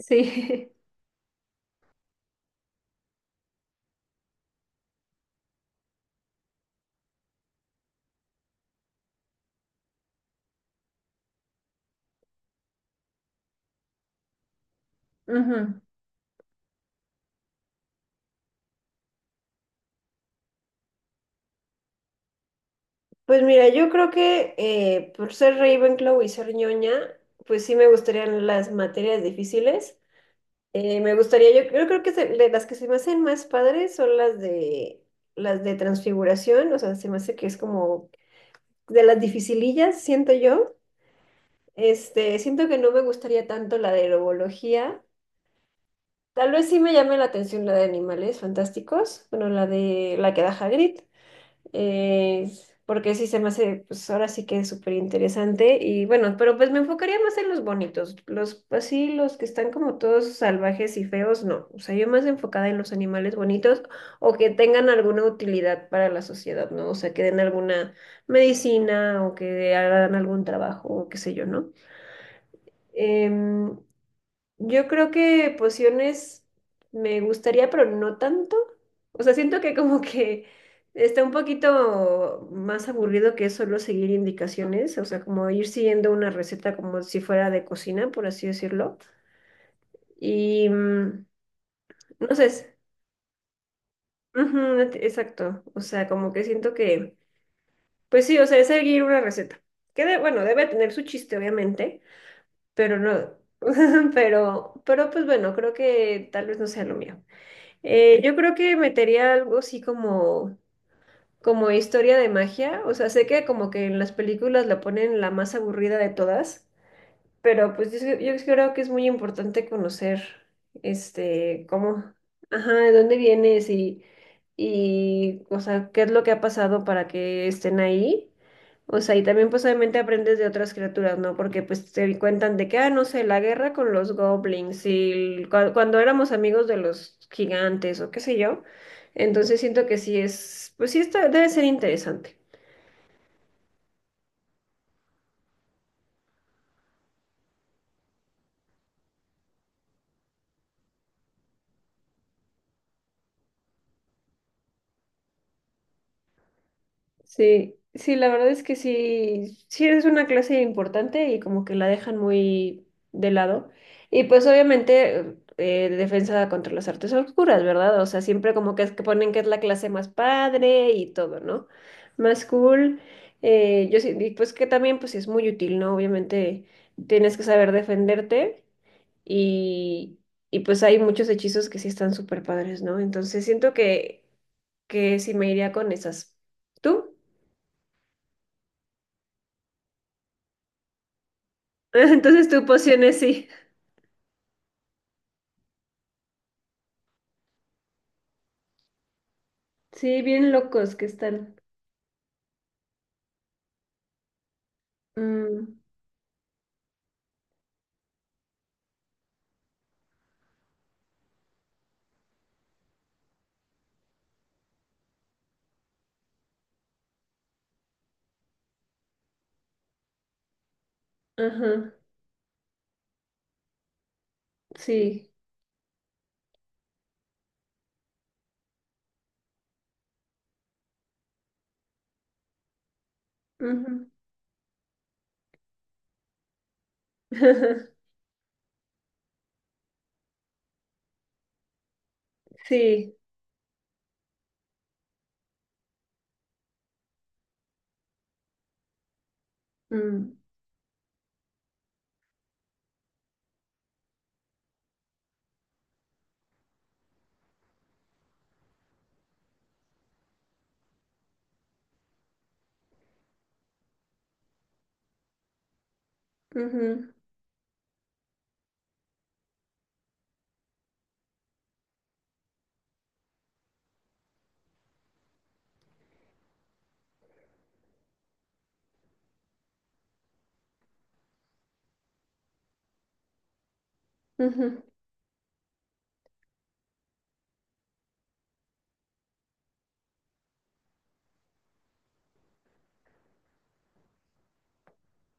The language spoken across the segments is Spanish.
Sí. Ujú. Pues mira, yo creo que por ser Ravenclaw y ser ñoña, pues sí me gustarían las materias difíciles. Me gustaría, yo creo que de las que se me hacen más padres son las de transfiguración, o sea, se me hace que es como de las dificilillas, siento yo. Este, siento que no me gustaría tanto la de herbología. Tal vez sí me llame la atención la de animales fantásticos, bueno, la de la que da Hagrid. eh, Porque sí se me hace, pues ahora sí que es súper interesante y bueno, pero pues me enfocaría más en los bonitos, los así, los que están como todos salvajes y feos, no, o sea, yo más enfocada en los animales bonitos o que tengan alguna utilidad para la sociedad, ¿no? O sea, que den alguna medicina o que hagan algún trabajo o qué sé yo, ¿no? Em, yo creo que pociones me gustaría, pero no tanto. O sea, siento que como que está un poquito más aburrido que solo seguir indicaciones, o sea, como ir siguiendo una receta como si fuera de cocina, por así decirlo. Y no sé, ujú, exacto. O sea, como que siento que, pues sí, o sea, es seguir una receta. Que bueno, debe tener su chiste, obviamente, pero no, pero pues bueno, creo que tal vez no sea lo mío. Yo creo que metería algo así como, como historia de magia. O sea, sé que como que en las películas la ponen la más aburrida de todas, pero pues yo creo que es muy importante conocer, este, cómo, ajá, de dónde vienes y, o sea, qué es lo que ha pasado para que estén ahí. O sea, y también pues obviamente aprendes de otras criaturas, ¿no? Porque pues te cuentan de que, ah, no sé, la guerra con los goblins y cuando éramos amigos de los gigantes o qué sé yo. Entonces siento que sí es, pues sí está, debe ser interesante. Sí, sí, la verdad es que sí, sí es una clase importante y como que la dejan muy de lado. Y pues obviamente defensa contra las artes oscuras, ¿verdad? O sea, siempre como que, es que ponen que es la clase más padre y todo, ¿no? Más cool. Yo sí, y pues que también pues es muy útil, ¿no? Obviamente tienes que saber defenderte y, y pues hay muchos hechizos que sí están súper padres, ¿no? Entonces siento que sí me iría con esas. ¿Tú? Entonces tu poción es sí. Sí, bien locos que están. Mm, ajá, sí. Ujú, sí. Mm, ujú, ujú.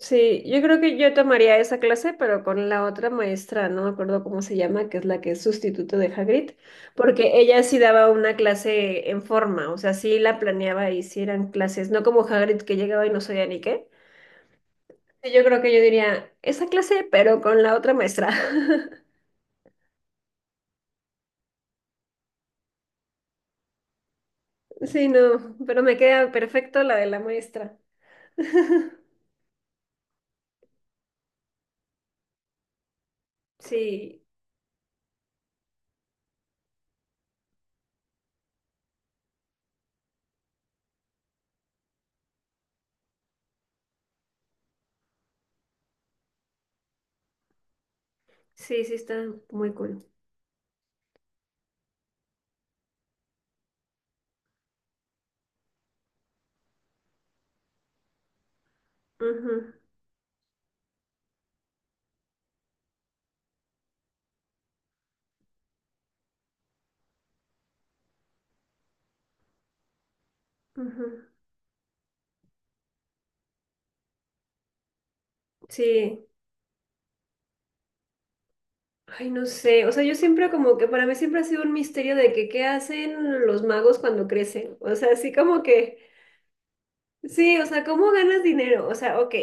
Sí, yo creo que yo tomaría esa clase, pero con la otra maestra, no me acuerdo cómo se llama, que es la que es sustituto de Hagrid, porque ella sí daba una clase en forma, o sea, sí la planeaba y sí eran clases, no como Hagrid que llegaba y no sabía ni qué. Sí, yo creo que yo diría esa clase, pero con la otra maestra. Sí, no, pero me queda perfecto la de la maestra. Sí, sí, sí, está muy cool. Ujú, ujú. Sí, ay, no sé, o sea, yo siempre como que para mí siempre ha sido un misterio de que qué hacen los magos cuando crecen, o sea, así como que... Sí, o sea, ¿cómo ganas dinero? O sea, ok,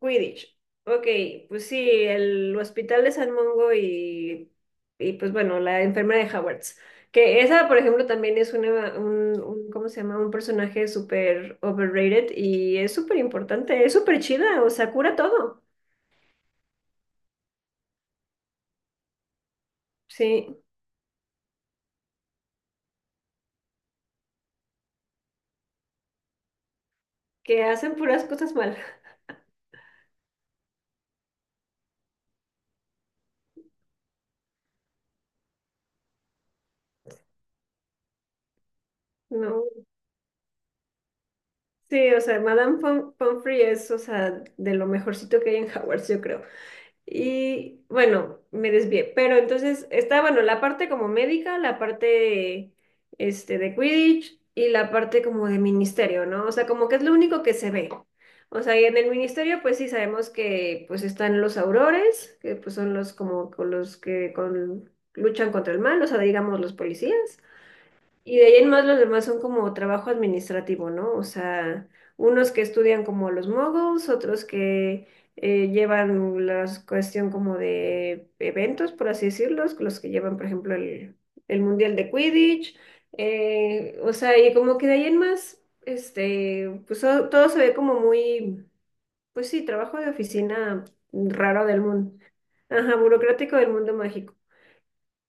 Quidditch. Ok, pues sí, el hospital de San Mongo y pues bueno, la enfermera de Hogwarts. Que esa, por ejemplo, también es un ¿cómo se llama? Un personaje súper overrated y es súper importante, es súper chida, o sea, cura todo. Sí, que hacen puras cosas mal, ¿no? Sí, o sea, Madame Pom Pomfrey es, o sea, de lo mejorcito que hay en Hogwarts, yo creo. Y bueno, me desvié. Pero entonces está, bueno, la parte como médica, la parte este, de Quidditch y la parte como de ministerio, ¿no? O sea, como que es lo único que se ve. O sea, y en el ministerio, pues sí sabemos que pues están los aurores, que pues son los como con los que luchan contra el mal, o sea, digamos los policías. Y de ahí en más los demás son como trabajo administrativo, ¿no? O sea, unos que estudian como los moguls, otros que llevan la cuestión como de eventos, por así decirlo, los que llevan, por ejemplo, el Mundial de Quidditch, o sea, y como que de ahí en más, este, pues todo se ve como muy, pues sí, trabajo de oficina raro del mundo, ajá, burocrático del mundo mágico.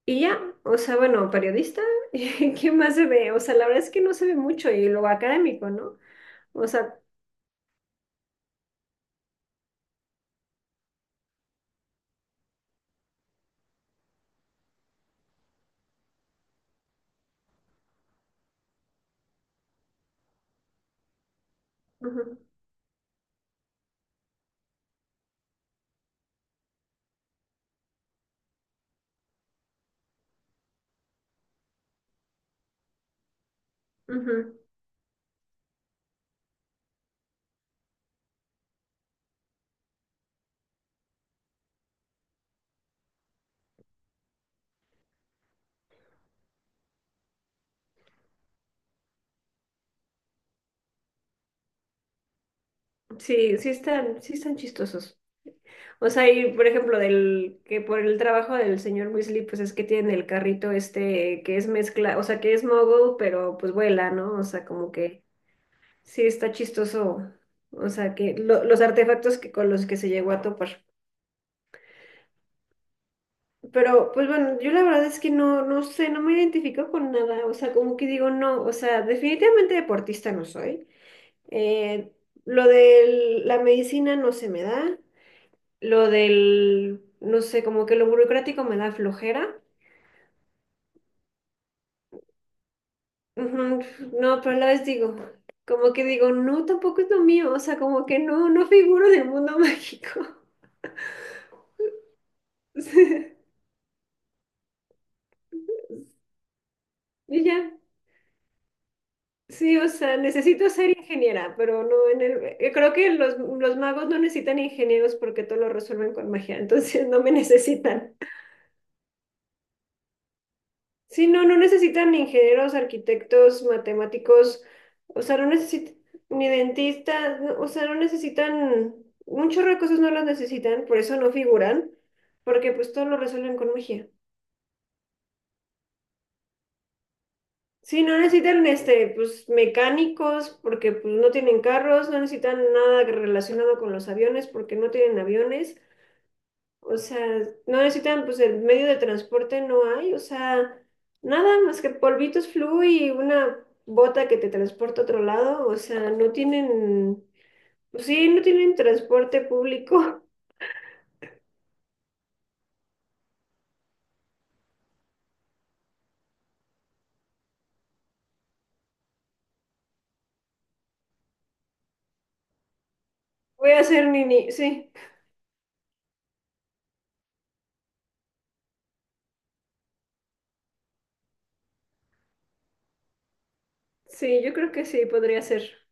Y ya, o sea, bueno, periodista, ¿qué más se ve? O sea, la verdad es que no se ve mucho y lo académico, ¿no? O sea, ujú, ujú. Sí, sí están chistosos. O sea, y por ejemplo, del que por el trabajo del señor Weasley, pues es que tiene el carrito este que es mezcla, o sea, que es mogul, pero pues vuela, ¿no? O sea, como que sí está chistoso. O sea, que los artefactos que con los que se llegó a topar. Pero, pues bueno, yo la verdad es que no, no sé, no me identifico con nada. O sea, como que digo, no, o sea, definitivamente deportista no soy. Eh, lo de la medicina no se me da. Lo del, no sé, como que lo burocrático me da flojera. Ujú, no, pero a la vez digo, como que digo, no, tampoco es lo mío. O sea, como que no, no figuro del mundo mágico. Y ya. Sí, o sea, necesito ser ingeniera, pero no en el... Creo que los magos no necesitan ingenieros porque todo lo resuelven con magia, entonces no me necesitan. Sí, no, no necesitan ingenieros, arquitectos, matemáticos, o sea, no necesitan ni dentistas, o sea, no necesitan... Un chorro de cosas no las necesitan, por eso no figuran, porque pues todo lo resuelven con magia. Sí, no necesitan este, pues mecánicos porque pues no tienen carros, no necesitan nada relacionado con los aviones porque no tienen aviones, o sea, no necesitan pues el medio de transporte no hay, o sea, nada más que polvitos flu y una bota que te transporta a otro lado, o sea, no tienen, pues sí, no tienen transporte público. Voy a hacer nini, sí, sí, yo creo que sí podría ser.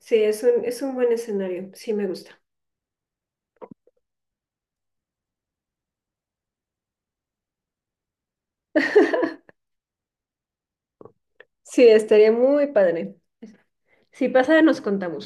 Sí, es un buen escenario, sí me gusta. Sí, estaría muy padre. Si pasa, nos contamos.